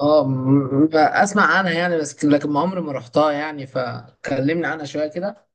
اسمع عنها يعني، بس لكن ما عمري ما رحتها، يعني فكلمني عنها شويه كده.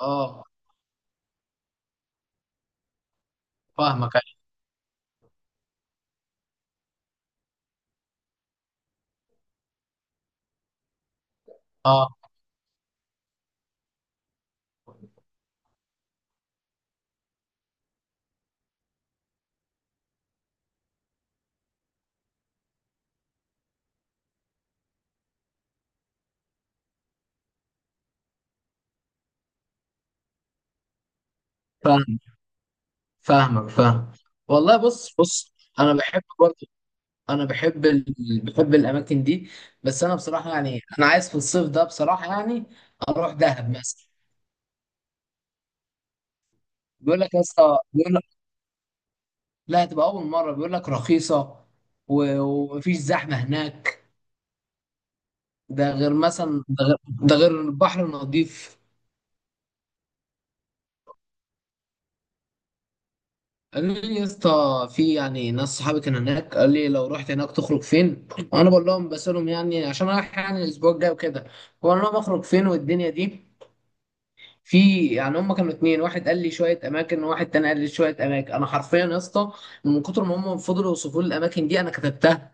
اه، فاهمك، أيوة. اه، فاهم، فاهمك، فاهم. والله، بص بص. انا بحب برضه. انا بحب ال... بحب الاماكن دي. بس انا بصراحه يعني، انا عايز في الصيف ده، بصراحه يعني اروح دهب مثلا. بيقول لك يا اسطى، بيقول لك لا، هتبقى اول مره، بيقول لك رخيصه ومفيش زحمه هناك. ده غير مثلا ده غير, ده غير البحر نظيف. قال لي يا اسطى، في يعني ناس صحابي كان هناك، قال لي لو رحت هناك تخرج فين، وانا بقول لهم، بسألهم يعني عشان رايح يعني الاسبوع الجاي وكده. بقول لهم اخرج فين والدنيا دي. في يعني هم كانوا اتنين، واحد قال لي شويه اماكن، وواحد تاني قال لي شويه اماكن. انا حرفيا يا اسطى، من كتر ما هم فضلوا يوصفوا لي الاماكن دي، انا كتبتها.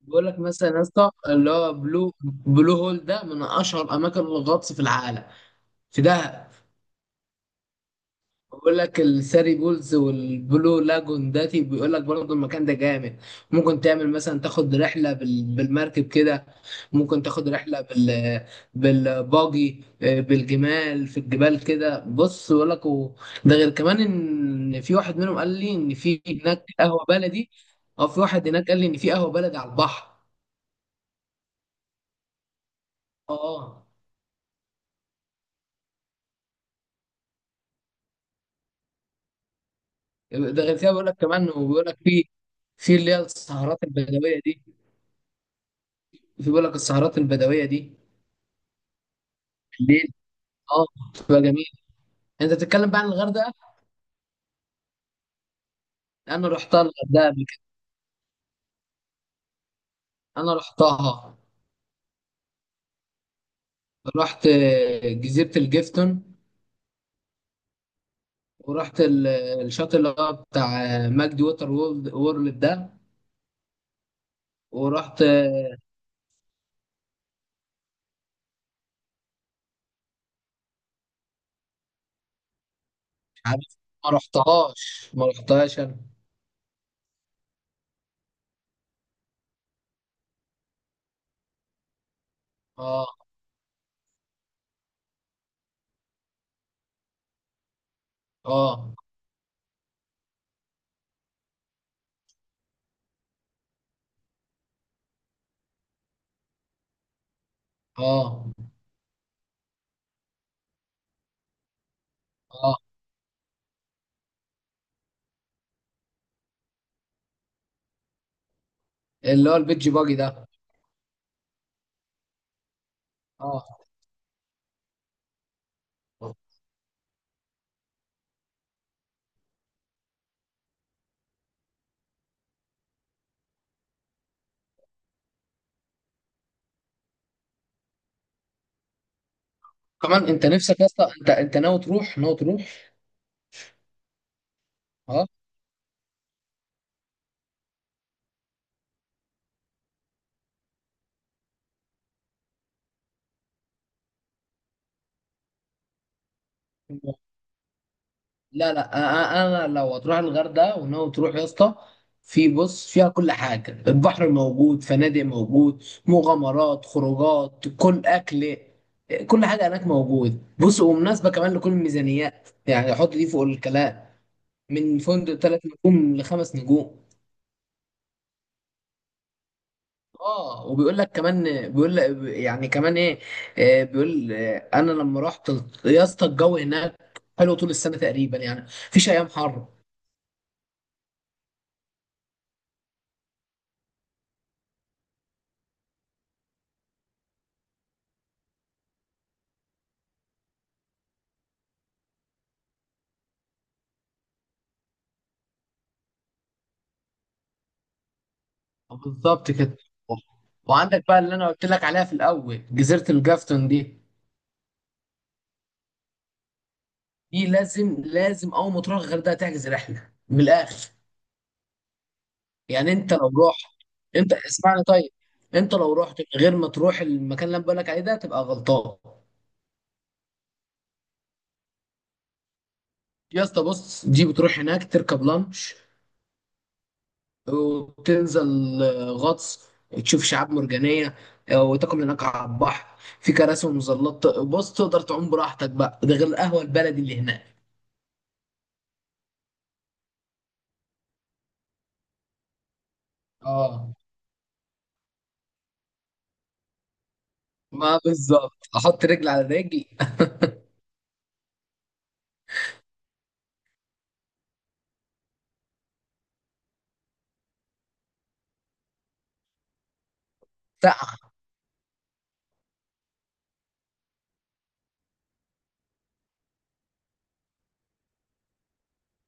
بقول لك مثلا يا اسطى، اللي هو بلو هول، ده من اشهر اماكن الغطس في العالم، في دهب. بقول لك الثري بولز والبلو لاجون، داتي بيقول لك برضه المكان ده جامد. ممكن تعمل مثلا، تاخد رحله بالمركب كده، ممكن تاخد رحله بالباجي، بالجمال في الجبال كده. بص بقول لك ده غير كمان ان في واحد منهم قال لي ان في هناك قهوه بلدي، او في واحد هناك قال لي ان في قهوه بلدي على البحر. اه. ده غير كده بيقول لك كمان، وبيقول لك في اللي هي السهرات البدويه دي. في بيقول لك السهرات البدويه دي، اه بتبقى جميل. انت بتتكلم بقى عن الغردقه. انا رحتها الغردقه قبل كده. انا رحتها، رحت جزيره الجيفتون. ورحت الشاطئ اللي هو بتاع ماجد ووتر وورلد ده. ورحت آه، مش عارف، ما رحتهاش انا. اه، اه، اه. اه، اللي هو البيتش باجي ده. اه، كمان انت نفسك يا اسطى، انت ناوي تروح، ناوي تروح. اه، لا، لا، انا، لو هتروح الغردقه وناوي تروح يا اسطى، بص فيها كل حاجه، البحر موجود، فنادق موجود، مغامرات، خروجات، كل اكل، كل حاجه هناك موجود. بص، ومناسبه كمان لكل الميزانيات يعني، حط دي فوق الكلام. من فندق ثلاث نجوم لخمس نجوم. اه، وبيقول لك كمان، بيقول لك يعني كمان ايه، بيقول انا لما رحت يا اسطى، الجو هناك حلو طول السنه تقريبا، يعني مفيش ايام حر. بالظبط كده. وعندك بقى اللي انا قلت لك عليها في الاول، جزيره الجافتون دي، دي لازم لازم اول ما تروح الغردقه تحجز رحله من الاخر. يعني انت لو رحت، انت اسمعني طيب، انت لو رحت من غير ما تروح المكان اللي انا بقول لك عليه ده، تبقى غلطان. يا اسطى بص، دي بتروح هناك تركب لانش، وتنزل غطس، تشوف شعاب مرجانيه، وتاكل هناك على البحر، في كراسي ومظلات. بص، تقدر تعوم براحتك بقى، ده غير القهوه البلدي اللي هناك. اه، ما بالظبط، احط رجل على رجل سقع.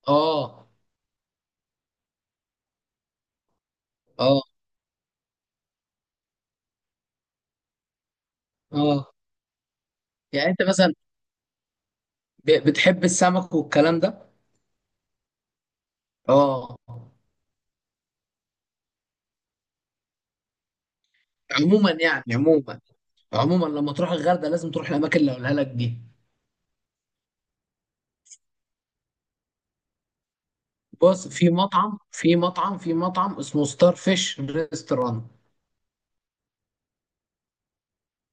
اه، اه، اه. يعني انت مثلا بتحب السمك والكلام ده. اه، عموما يعني، عموما، عموما لما تروح الغردقه لازم تروح الاماكن اللي هقولها لك دي. بص، في مطعم اسمه ستار فيش ريستورانت.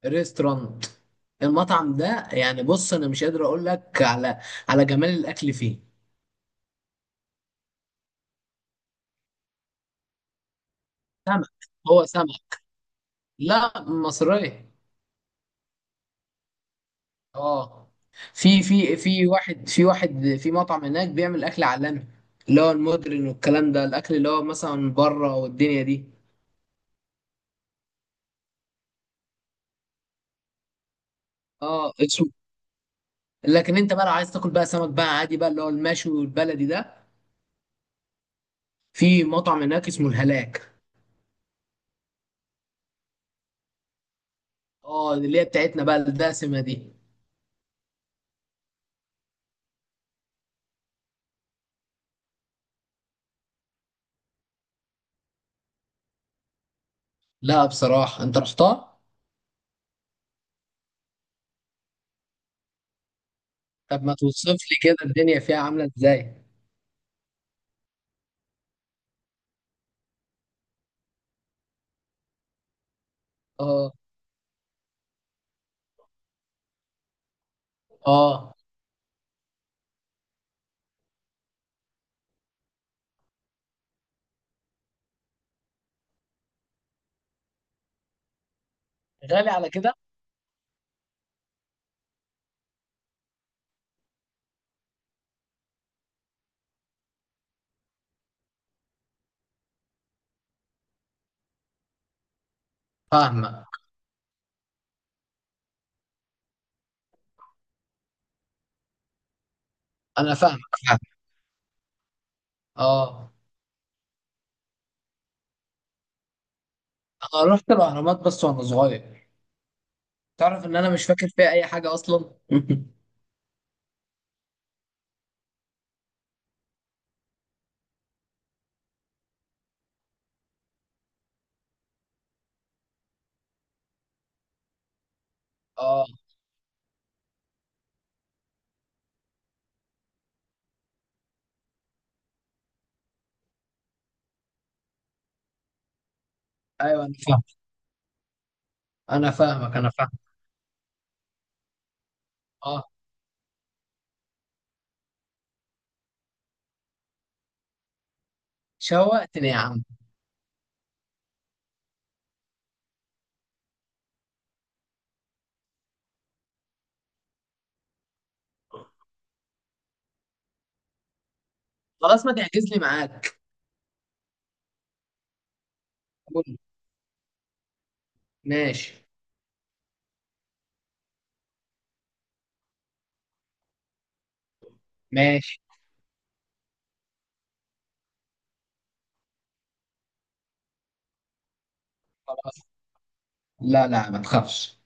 ريستورانت المطعم ده يعني، بص انا مش قادر اقول لك على على جمال الاكل فيه. سمك، هو سمك، لا مصرية. اه، في مطعم هناك بيعمل اكل عالمي، اللي هو المودرن والكلام ده، الاكل اللي هو مثلا بره والدنيا دي. اه، اسمه. لكن انت بقى لو عايز تاكل بقى سمك بقى عادي بقى، اللي هو المشوي والبلدي ده، في مطعم هناك اسمه الهلاك. اه، اللي هي بتاعتنا بقى الدسمه دي. لا بصراحه، انت رحتها؟ طب ما توصف لي كده الدنيا فيها عامله ازاي. اه، اه، غالي على كده. فاهمه. انا فاهمك، فاهمك اه. انا رحت الاهرامات بس وانا صغير. تعرف ان انا مش فاكر فيها اي حاجه اصلا اه، ايوه انا فاهم، انا فاهمك، انا فاهم. اه، شوقتني يا عم. خلاص، ما تحجز لي معاك. قول. ماشي. ماشي، خلاص. لا، لا، ما تخافش.